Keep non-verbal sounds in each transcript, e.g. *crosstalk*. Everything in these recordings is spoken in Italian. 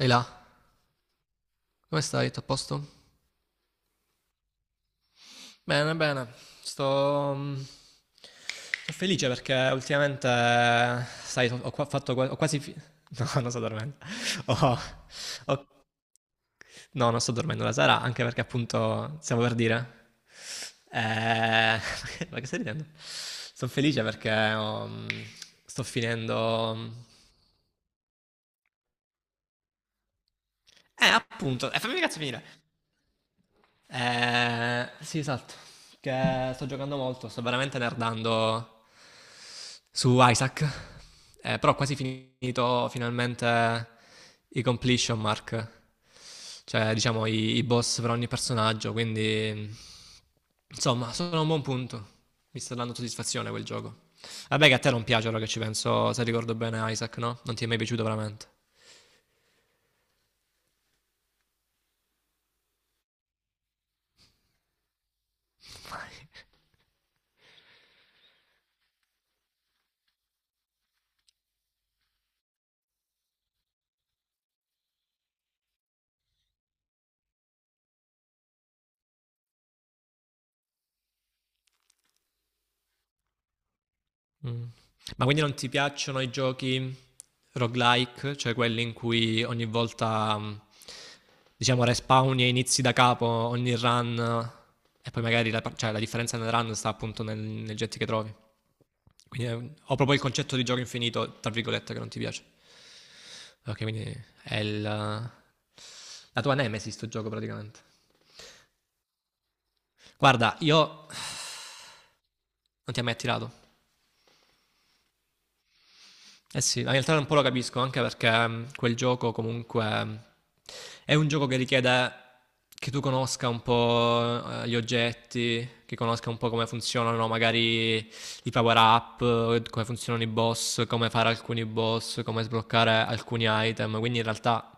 Ehi là, come stai? Tutto a posto? Bene, bene, sto, sto felice perché ultimamente, sai, ho quasi... fi- *laughs* No, non sto dormendo. Ho- ho- No, non sto dormendo la sera, anche perché appunto stiamo per dire... Eh, *laughs* ma che stai ridendo? Sono felice perché ho, sto finendo... appunto, fammi cazzo finire. Sì, esatto. Che sto giocando molto, sto veramente nerdando su Isaac. Però ho quasi finito finalmente i completion mark, cioè diciamo i boss per ogni personaggio, quindi insomma sono a un buon punto. Mi sta dando soddisfazione quel gioco. Vabbè che a te non piace, ora che ci penso, se ricordo bene Isaac, no? Non ti è mai piaciuto veramente. Mm. Ma quindi non ti piacciono i giochi roguelike, cioè quelli in cui ogni volta, diciamo, respawni e inizi da capo ogni run, e poi magari la differenza nel run sta appunto nel jet che trovi. Quindi ho proprio il concetto di gioco infinito, tra virgolette, che non ti piace. Ok, quindi è la tua nemesi sto gioco praticamente. Guarda, io non ti ha mai attirato. Eh sì, in realtà un po' lo capisco, anche perché quel gioco comunque è un gioco che richiede che tu conosca un po' gli oggetti, che conosca un po' come funzionano magari i power up, come funzionano i boss, come fare alcuni boss, come sbloccare alcuni item. Quindi in realtà,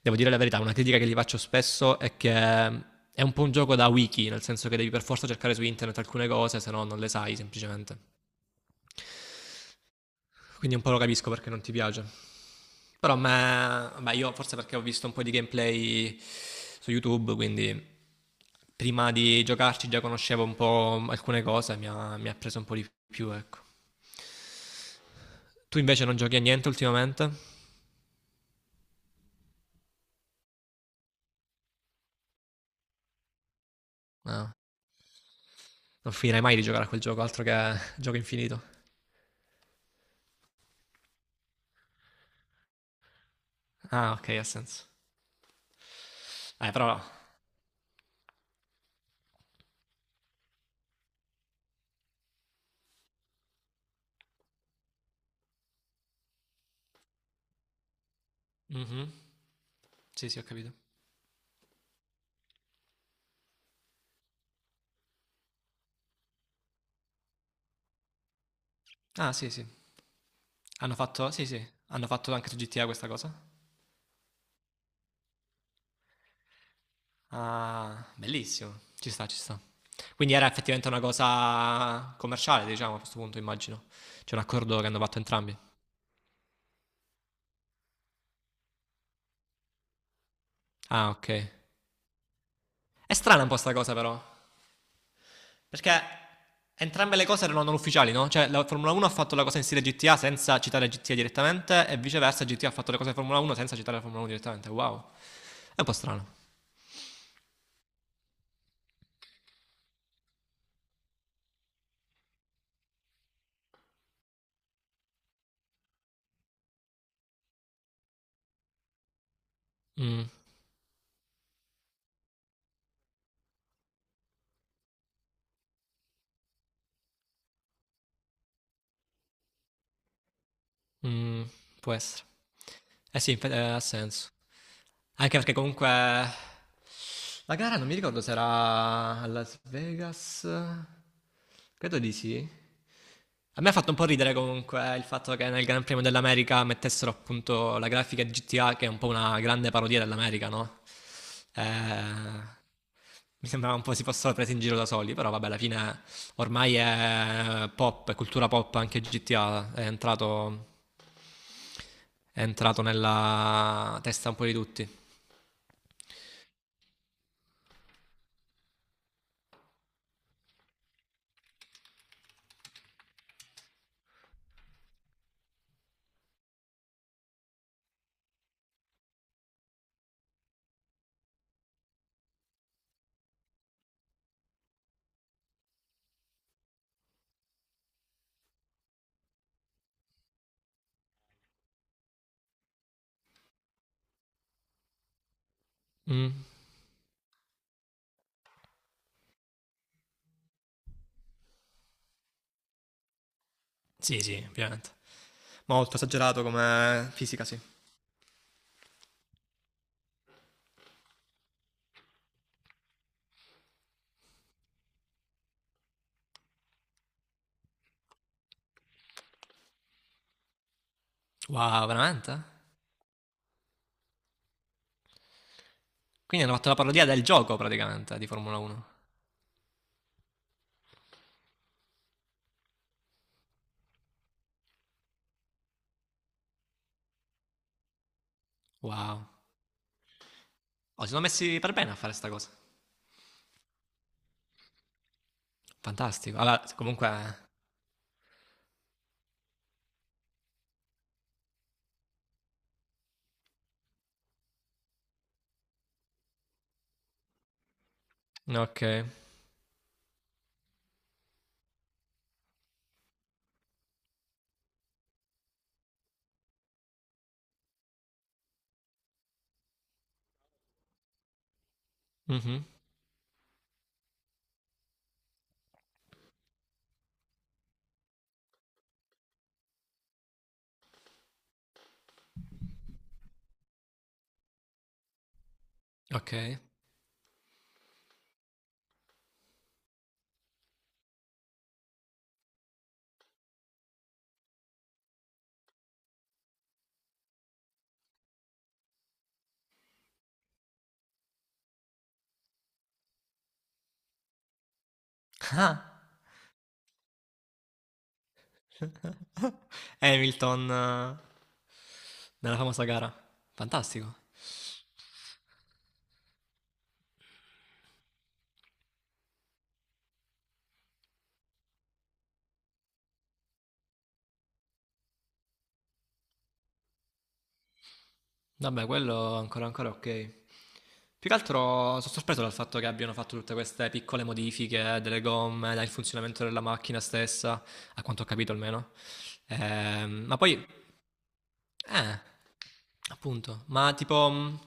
devo dire la verità, una critica che gli faccio spesso è che è un po' un gioco da wiki, nel senso che devi per forza cercare su internet alcune cose, se no non le sai semplicemente. Quindi un po' lo capisco perché non ti piace. Però ma io forse perché ho visto un po' di gameplay su YouTube, quindi prima di giocarci già conoscevo un po' alcune cose, mi ha preso un po' di più, ecco. Tu invece non giochi a niente ultimamente? No. Non finirai mai di giocare a quel gioco, altro che *laughs* gioco infinito. Ah, ok, ha senso. Però... Mhm. Sì, sì, ho capito. Ah, sì, sì. Hanno fatto... Sì, sì. Hanno fatto anche su GTA questa cosa? Ah, bellissimo. Ci sta, ci sta. Quindi era effettivamente una cosa commerciale, diciamo, a questo punto, immagino. C'è un accordo che hanno fatto entrambi. Ah, ok. È strana un po' sta cosa, però. Perché entrambe le cose erano non ufficiali, no? Cioè, la Formula 1 ha fatto la cosa in stile GTA senza citare GTA direttamente, e viceversa, GTA ha fatto le cose di Formula 1 senza citare la Formula 1 direttamente. Wow. È un po' strano. Mm, mm, può essere. Eh sì, ha senso. Anche perché comunque la gara non mi ricordo se era a Las Vegas. Credo di sì. A me ha fatto un po' ridere comunque il fatto che nel Gran Premio dell'America mettessero appunto la grafica di GTA, che è un po' una grande parodia dell'America, no? Eh, mi sembrava un po' si fossero presi in giro da soli, però vabbè, alla fine ormai è pop, è cultura pop anche GTA, è entrato nella testa un po' di tutti. Mm. Sì, sì, ovviamente. Molto esagerato come fisica, sì. Wow, veramente? Quindi hanno fatto la parodia del gioco praticamente di Formula 1. Wow. Oh, si sono messi per bene a fare sta cosa. Fantastico. Allora, comunque... Ok. Mhm. Ok. *laughs* Ah, Hamilton, nella famosa gara. Fantastico. Vabbè, quello ancora, ancora ok. Più che altro sono sorpreso dal fatto che abbiano fatto tutte queste piccole modifiche delle gomme, dal funzionamento della macchina stessa, a quanto ho capito almeno. Ma poi, eh, appunto, ma tipo, mh,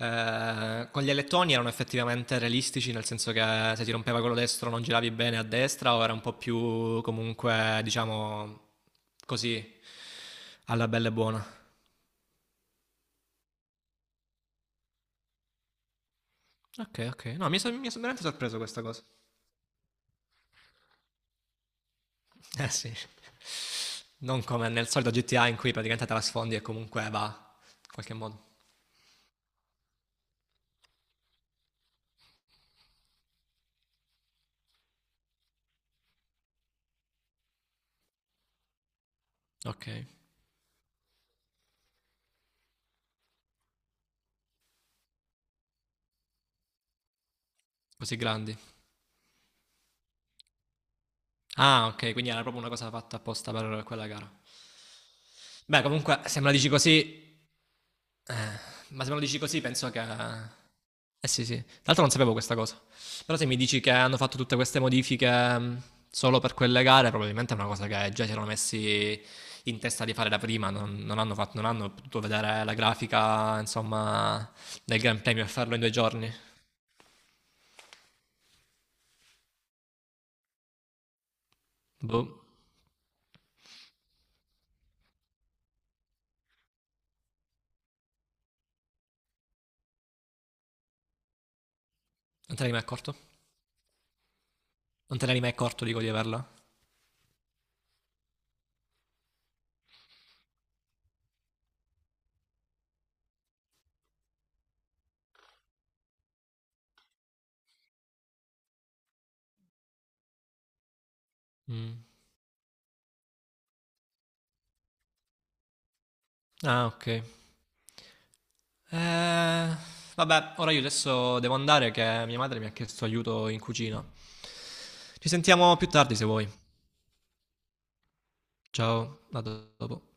eh, con gli alettoni erano effettivamente realistici, nel senso che se ti rompeva quello destro non giravi bene a destra, o era un po' più comunque, diciamo, così, alla bella e buona. Ok, ok. No, mi sono veramente sorpreso questa cosa. Eh sì. Non come nel solito GTA in cui praticamente trasfondi e comunque va in qualche modo. Ok. Così grandi. Ah, ok, quindi era proprio una cosa fatta apposta per quella gara. Beh, comunque, se me la dici così, eh, ma se me lo dici così, penso che. Eh sì, sì. Tra l'altro non sapevo questa cosa. Però se mi dici che hanno fatto tutte queste modifiche mh, solo per quelle gare, probabilmente è una cosa che già si erano messi in testa di fare da prima. Non hanno fatto- non hanno potuto vedere la grafica, insomma, del Gran Premio e farlo in 2 giorni. Boh. Non te ne eri mai accorto? Non te ne eri mai accorto, dico, di averla? Mm. Ah, ok. Eh, vabbè, ora io adesso devo andare che mia madre mi ha chiesto aiuto in cucina. Ci sentiamo più tardi se vuoi. Ciao, a dopo.